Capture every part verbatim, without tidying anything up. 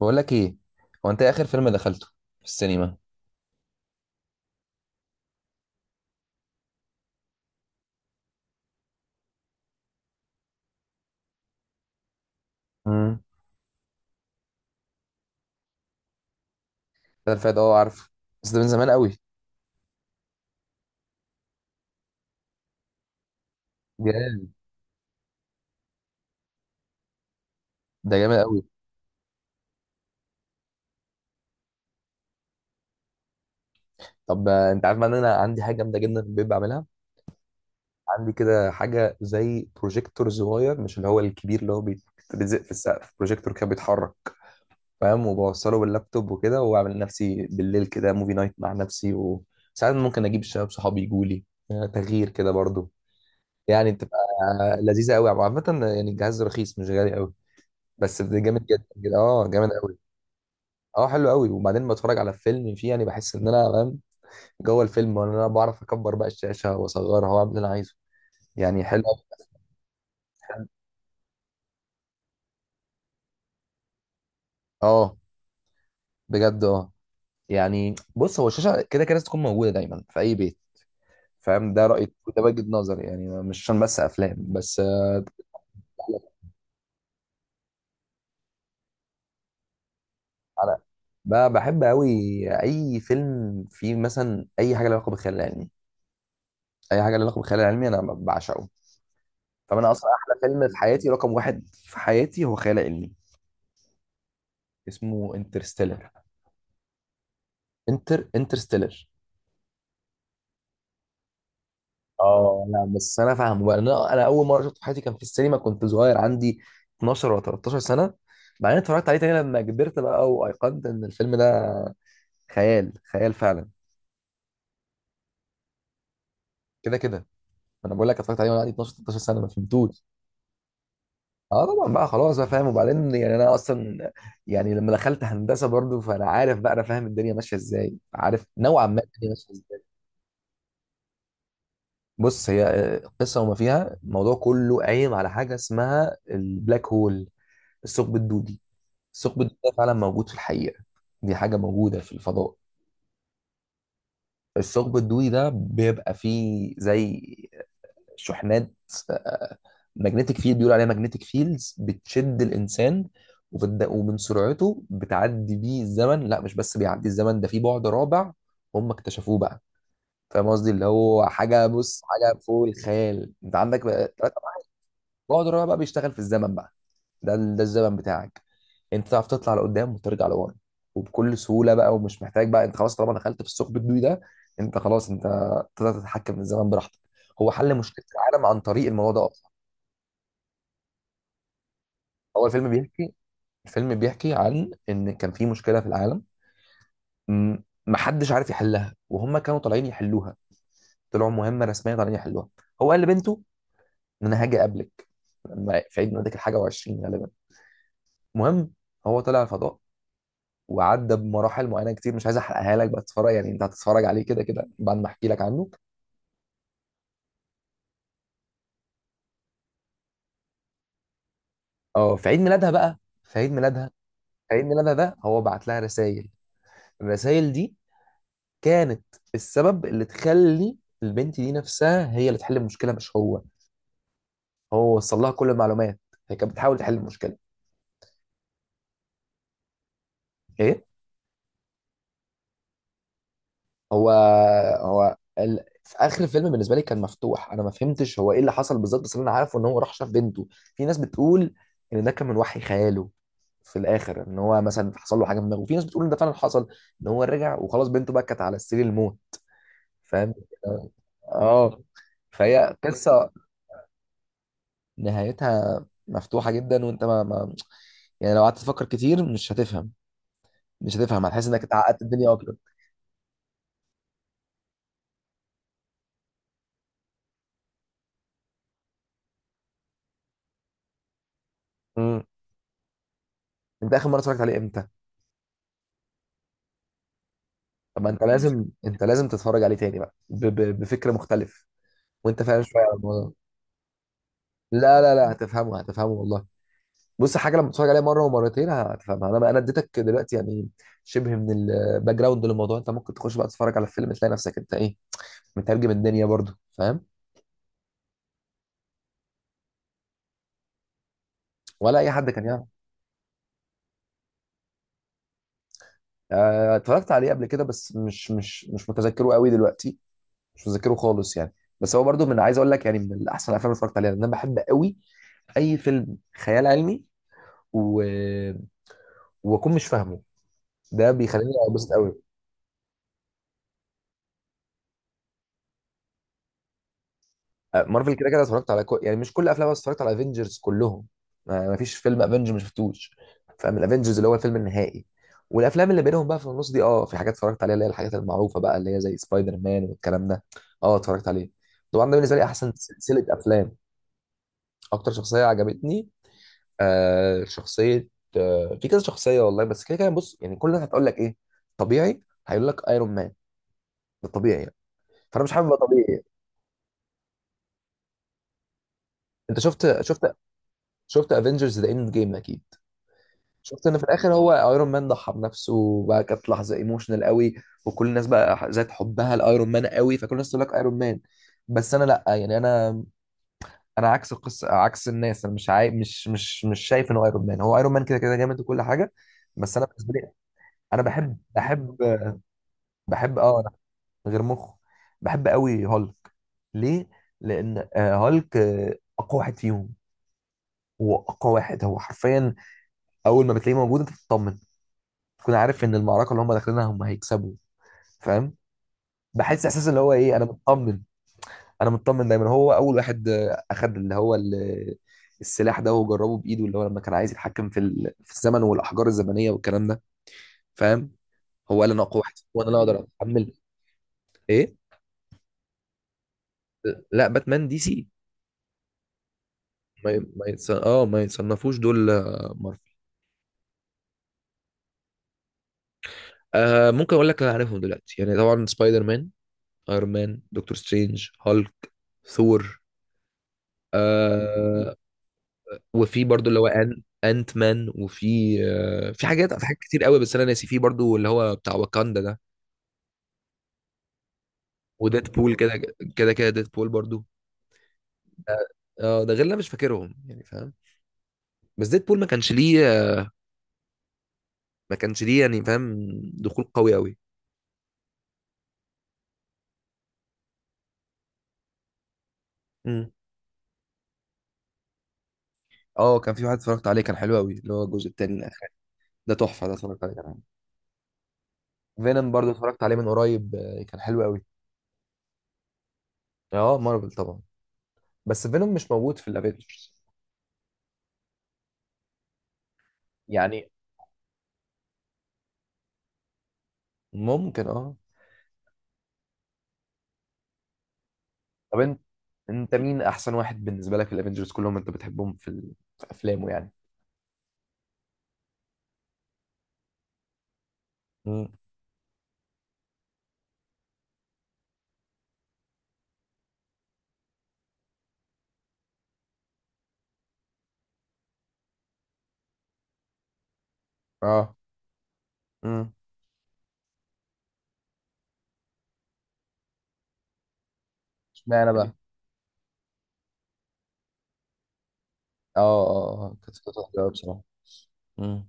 بقول لك ايه. هو انت إيه اخر فيلم دخلته في السينما؟ امم ده الفات، اه عارفه، بس ده من زمان قوي. جامد. ده جامد قوي. طب، آه، انت عارف بقى ان انا عندي حاجه جامده جدا في البيت بعملها. عندي كده حاجه زي بروجيكتور صغير، مش اللي هو الكبير اللي هو بيتلزق في السقف، بروجيكتور كده بيتحرك، فاهم، وبوصله باللابتوب وكده، واعمل لنفسي بالليل كده موفي نايت مع نفسي، وساعات ممكن اجيب الشباب صحابي يجوا لي، آه، تغيير كده برضو. يعني بتبقى آه، لذيذه قوي عامه. يعني الجهاز رخيص، مش غالي قوي، بس ده جامد جدا كده، اه جامد قوي. اه، حلو قوي. وبعدين بتفرج على فيلم فيه، يعني بحس ان انا فاهم جوه الفيلم، وان انا بعرف اكبر بقى الشاشه واصغرها واعمل اللي انا عايزه. يعني حلو أوي. حلو. اه بجد اه. يعني بص، هو الشاشه كده كده لازم تكون موجوده دايما في اي بيت، فاهم؟ ده رايي وده وجهه نظري، يعني مش عشان بس افلام بس، آه، على... بقى بحب قوي اي فيلم فيه مثلا اي حاجه لها علاقه بالخيال العلمي. اي حاجه لها علاقه بالخيال العلمي انا بعشقه. طب انا اصلا احلى فيلم في حياتي، رقم واحد في حياتي، هو خيال علمي. اسمه انترستيلر. انتر انترستيلر. اه لا، بس انا فاهمه بقى. انا انا اول مره شفته في حياتي كان في السينما، كنت صغير، عندي اتناشر ولا تلتاشر سنة سنه. بعدين اتفرجت عليه تاني لما كبرت بقى، وايقنت ان الفيلم ده خيال خيال فعلا. كده كده انا بقول لك اتفرجت عليه وانا عندي اتناشر، تلتاشر سنة سنه، ما فهمتوش. اه طبعا بقى، خلاص بقى فاهم. وبعدين يعني انا اصلا، يعني لما دخلت هندسه برضو، فانا عارف بقى، انا فاهم الدنيا ماشيه ازاي، عارف نوعا ما الدنيا ماشيه ازاي. بص، هي آه، قصة، وما فيها. الموضوع كله قايم على حاجة اسمها البلاك هول، الثقب الدودي. الثقب الدودي ده فعلا موجود في الحقيقة، دي حاجة موجودة في الفضاء. الثقب الدودي ده بيبقى فيه زي شحنات، ماجنتيك فيلد، بيقول عليها ماجنتيك فيلدز، بتشد الإنسان وبت- ومن سرعته بتعدي بيه الزمن. لا، مش بس بيعدي الزمن، ده في بعد رابع هم اكتشفوه بقى. فاهم قصدي؟ اللي هو حاجة، بص، حاجة فوق الخيال. انت عندك بعد الرابع بقى، بيشتغل في الزمن بقى. ده ده الزمن بتاعك، انت تعرف تطلع لقدام وترجع لورا، وبكل سهوله بقى، ومش محتاج بقى. انت خلاص طالما دخلت في الثقب الدوي ده، انت خلاص، انت تقدر تتحكم في الزمن براحتك. هو حل مشكله العالم عن طريق الموضوع ده اصلا. هو الفيلم بيحكي الفيلم بيحكي عن ان كان في مشكله في العالم، م- محدش عارف يحلها، وهم كانوا طالعين يحلوها. طلعوا مهمه رسميه طالعين يحلوها. هو قال لبنته ان انا هاجي اقابلك لما في عيد ميلادك الحاجه وعشرين غالبا. المهم، هو طلع الفضاء، وعدى بمراحل معينه كتير، مش عايز احرقها لك بقى، تتفرج. يعني انت هتتفرج عليه كده كده بعد ما احكي لك عنه. اه، في عيد ميلادها بقى، في عيد ميلادها. في عيد ميلادها ده هو بعت لها رسائل. الرسائل دي كانت السبب اللي تخلي البنت دي نفسها هي اللي تحل المشكله، مش هو. هو وصل لها كل المعلومات، هي كانت بتحاول تحل المشكله. ايه؟ هو هو ال... في اخر الفيلم بالنسبه لي كان مفتوح، انا ما فهمتش هو ايه اللي حصل بالظبط، بس اللي انا عارفه ان هو راح شاف بنته. في ناس بتقول ان ده كان من وحي خياله في الاخر، ان هو مثلا حصل له حاجه في دماغه، وفي ناس بتقول ان ده فعلا حصل، ان هو رجع وخلاص، بنته بكت على سرير الموت، فاهم؟ اه، فهي قصه نهايتها مفتوحه جدا. وانت ما, ما يعني لو قعدت تفكر كتير مش هتفهم. مش هتفهم هتحس انك اتعقدت الدنيا اكتر. امم انت اخر مره اتفرجت عليه امتى؟ طب ما انت لازم، انت لازم تتفرج عليه تاني بقى ب... ب... بفكر مختلف، وانت فاهم شويه على الموضوع ده. لا لا لا، هتفهمه، هتفهمه والله. بص، حاجه لما تتفرج عليها مره ومرتين هتفهمها. انا انا اديتك دلوقتي يعني شبه من الباك جراوند للموضوع. انت ممكن تخش بقى تتفرج على الفيلم، تلاقي نفسك انت ايه، مترجم الدنيا برضو، فاهم. ولا اي حد كان يعرف. آه، اتفرجت عليه قبل كده، بس مش مش مش متذكره قوي دلوقتي، مش متذكره خالص يعني. بس هو برضو من، عايز اقول لك، يعني من احسن الافلام اللي اتفرجت عليها، لان انا بحب قوي اي فيلم خيال علمي. و... واكون مش فاهمه، ده بيخليني اتبسط قوي. آه، مارفل كده كده اتفرجت على كل... يعني مش كل افلامها، بس اتفرجت على افنجرز كلهم. ما ما فيش فيلم افنجر ما شفتوش، فاهم؟ الافنجرز اللي هو الفيلم النهائي، والافلام اللي بينهم بقى في النص دي، اه في حاجات اتفرجت عليها، اللي هي الحاجات المعروفه بقى، اللي هي زي سبايدر مان والكلام ده، اه اتفرجت عليه طبعا. ده بالنسبه لي احسن سلسله افلام. اكتر شخصيه عجبتني، آه شخصيه، آه في كذا شخصيه والله. بس كده كده، بص، يعني كل الناس هتقول لك ايه، طبيعي، هيقول لك ايرون مان. ده طبيعي يعني. فانا مش حابب أبقى طبيعي. انت شفت شفت، شفت افنجرز ذا اند جيم اكيد. شفت ان في الاخر هو ايرون مان ضحى بنفسه وبقى، كانت لحظه ايموشنال قوي، وكل الناس بقى ذات حبها لايرون مان قوي، فكل الناس تقول لك ايرون مان. بس انا لا، يعني انا، انا عكس القصه، عكس الناس. انا مش عاي... مش مش مش شايف انه ايرون مان، هو ايرون مان كده كده جامد وكل حاجه، بس انا بالنسبه لي، انا بحب بحب بحب، اه أنا غير مخه، بحب قوي هالك. ليه؟ لان آه، هالك آه، اقوى واحد فيهم. هو اقوى واحد، هو حرفيا اول ما بتلاقيه موجود، انت بتطمن، تكون عارف ان المعركه اللي هم داخلينها هم هيكسبوا، فاهم. بحس احساس اللي هو ايه، انا مطمن. انا مطمن دايما. هو اول واحد آه، اخد اللي هو ال- السلاح ده وجربه بايده، اللي هو لما كان عايز يتحكم في ال- في الزمن والاحجار الزمنيه والكلام ده، فاهم. هو قال انا اقوى واحد وانا اللي اقدر اتحمل. ايه؟ لا، باتمان دي سي. ما ي- ما يتص... اه ما يتصنفوش دول آه، مارفل. آه، ممكن اقول لك انا عارفهم دلوقتي يعني، طبعا سبايدر مان، ايرون مان، دكتور سترينج، هالك، ثور، آه. وفي برضو اللي هو أن... انت مان. وفي آه، في حاجات، في حاجات كتير قوي، بس انا ناسي. في برضو اللي هو بتاع واكاندا ده، وديت بول كده كده كده، ديت بول برضو. اه. آه، ده غير اللي أنا مش فاكرهم يعني، فاهم. بس ديت بول ما كانش ليه، ما كانش ليه يعني فاهم، دخول قوي قوي. امم اه، كان في واحد اتفرجت عليه كان حلو قوي، اللي هو الجزء التاني الاخير. ده تحفه، ده اتفرجت عليه كمان. فينوم برضو اتفرجت عليه من قريب، آه، كان حلو قوي. اه، مارفل طبعا. بس فينوم مش موجود في الافينجرز. يعني ممكن، اه. طب انت، انت مين احسن واحد بالنسبه لك في الافنجرز كلهم انت بتحبهم في, ال... في افلامه يعني. مم. اه. مم. اشمعنى بقى؟ اه اه، اه كانت فترة حلوة أوي بصراحة. مم.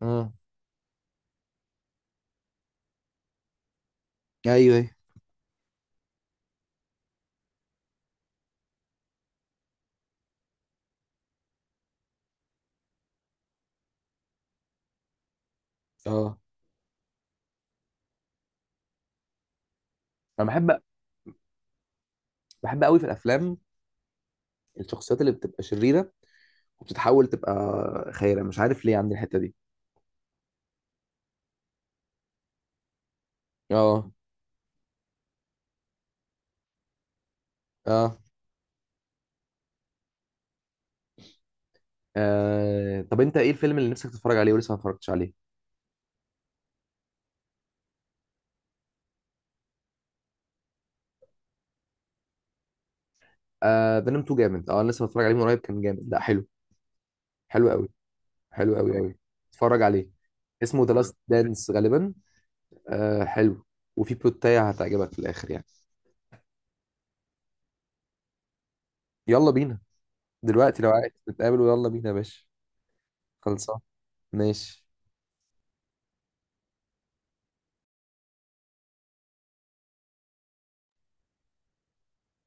امم ايوه ايوه. اه، انا بحب بحب قوي في الافلام الشخصيات اللي بتبقى شريره وبتتحول تبقى خيره، مش عارف ليه عندي الحته دي. اه. اه. آه... طب انت ايه الفيلم اللي نفسك تتفرج عليه ولسه ما اتفرجتش عليه؟ آه... فينوم تو جامد، اه، أنا لسه متفرج عليه من قريب، كان جامد، لا حلو، حلو قوي، حلو قوي قوي. اتفرج عليه، اسمه ذا لاست دانس غالبا. آه حلو. وفي بلوتاية هتعجبك في الاخر يعني. يلا بينا دلوقتي لو عايز نتقابل، ويلا بينا يا باشا. خلصان. ماشي.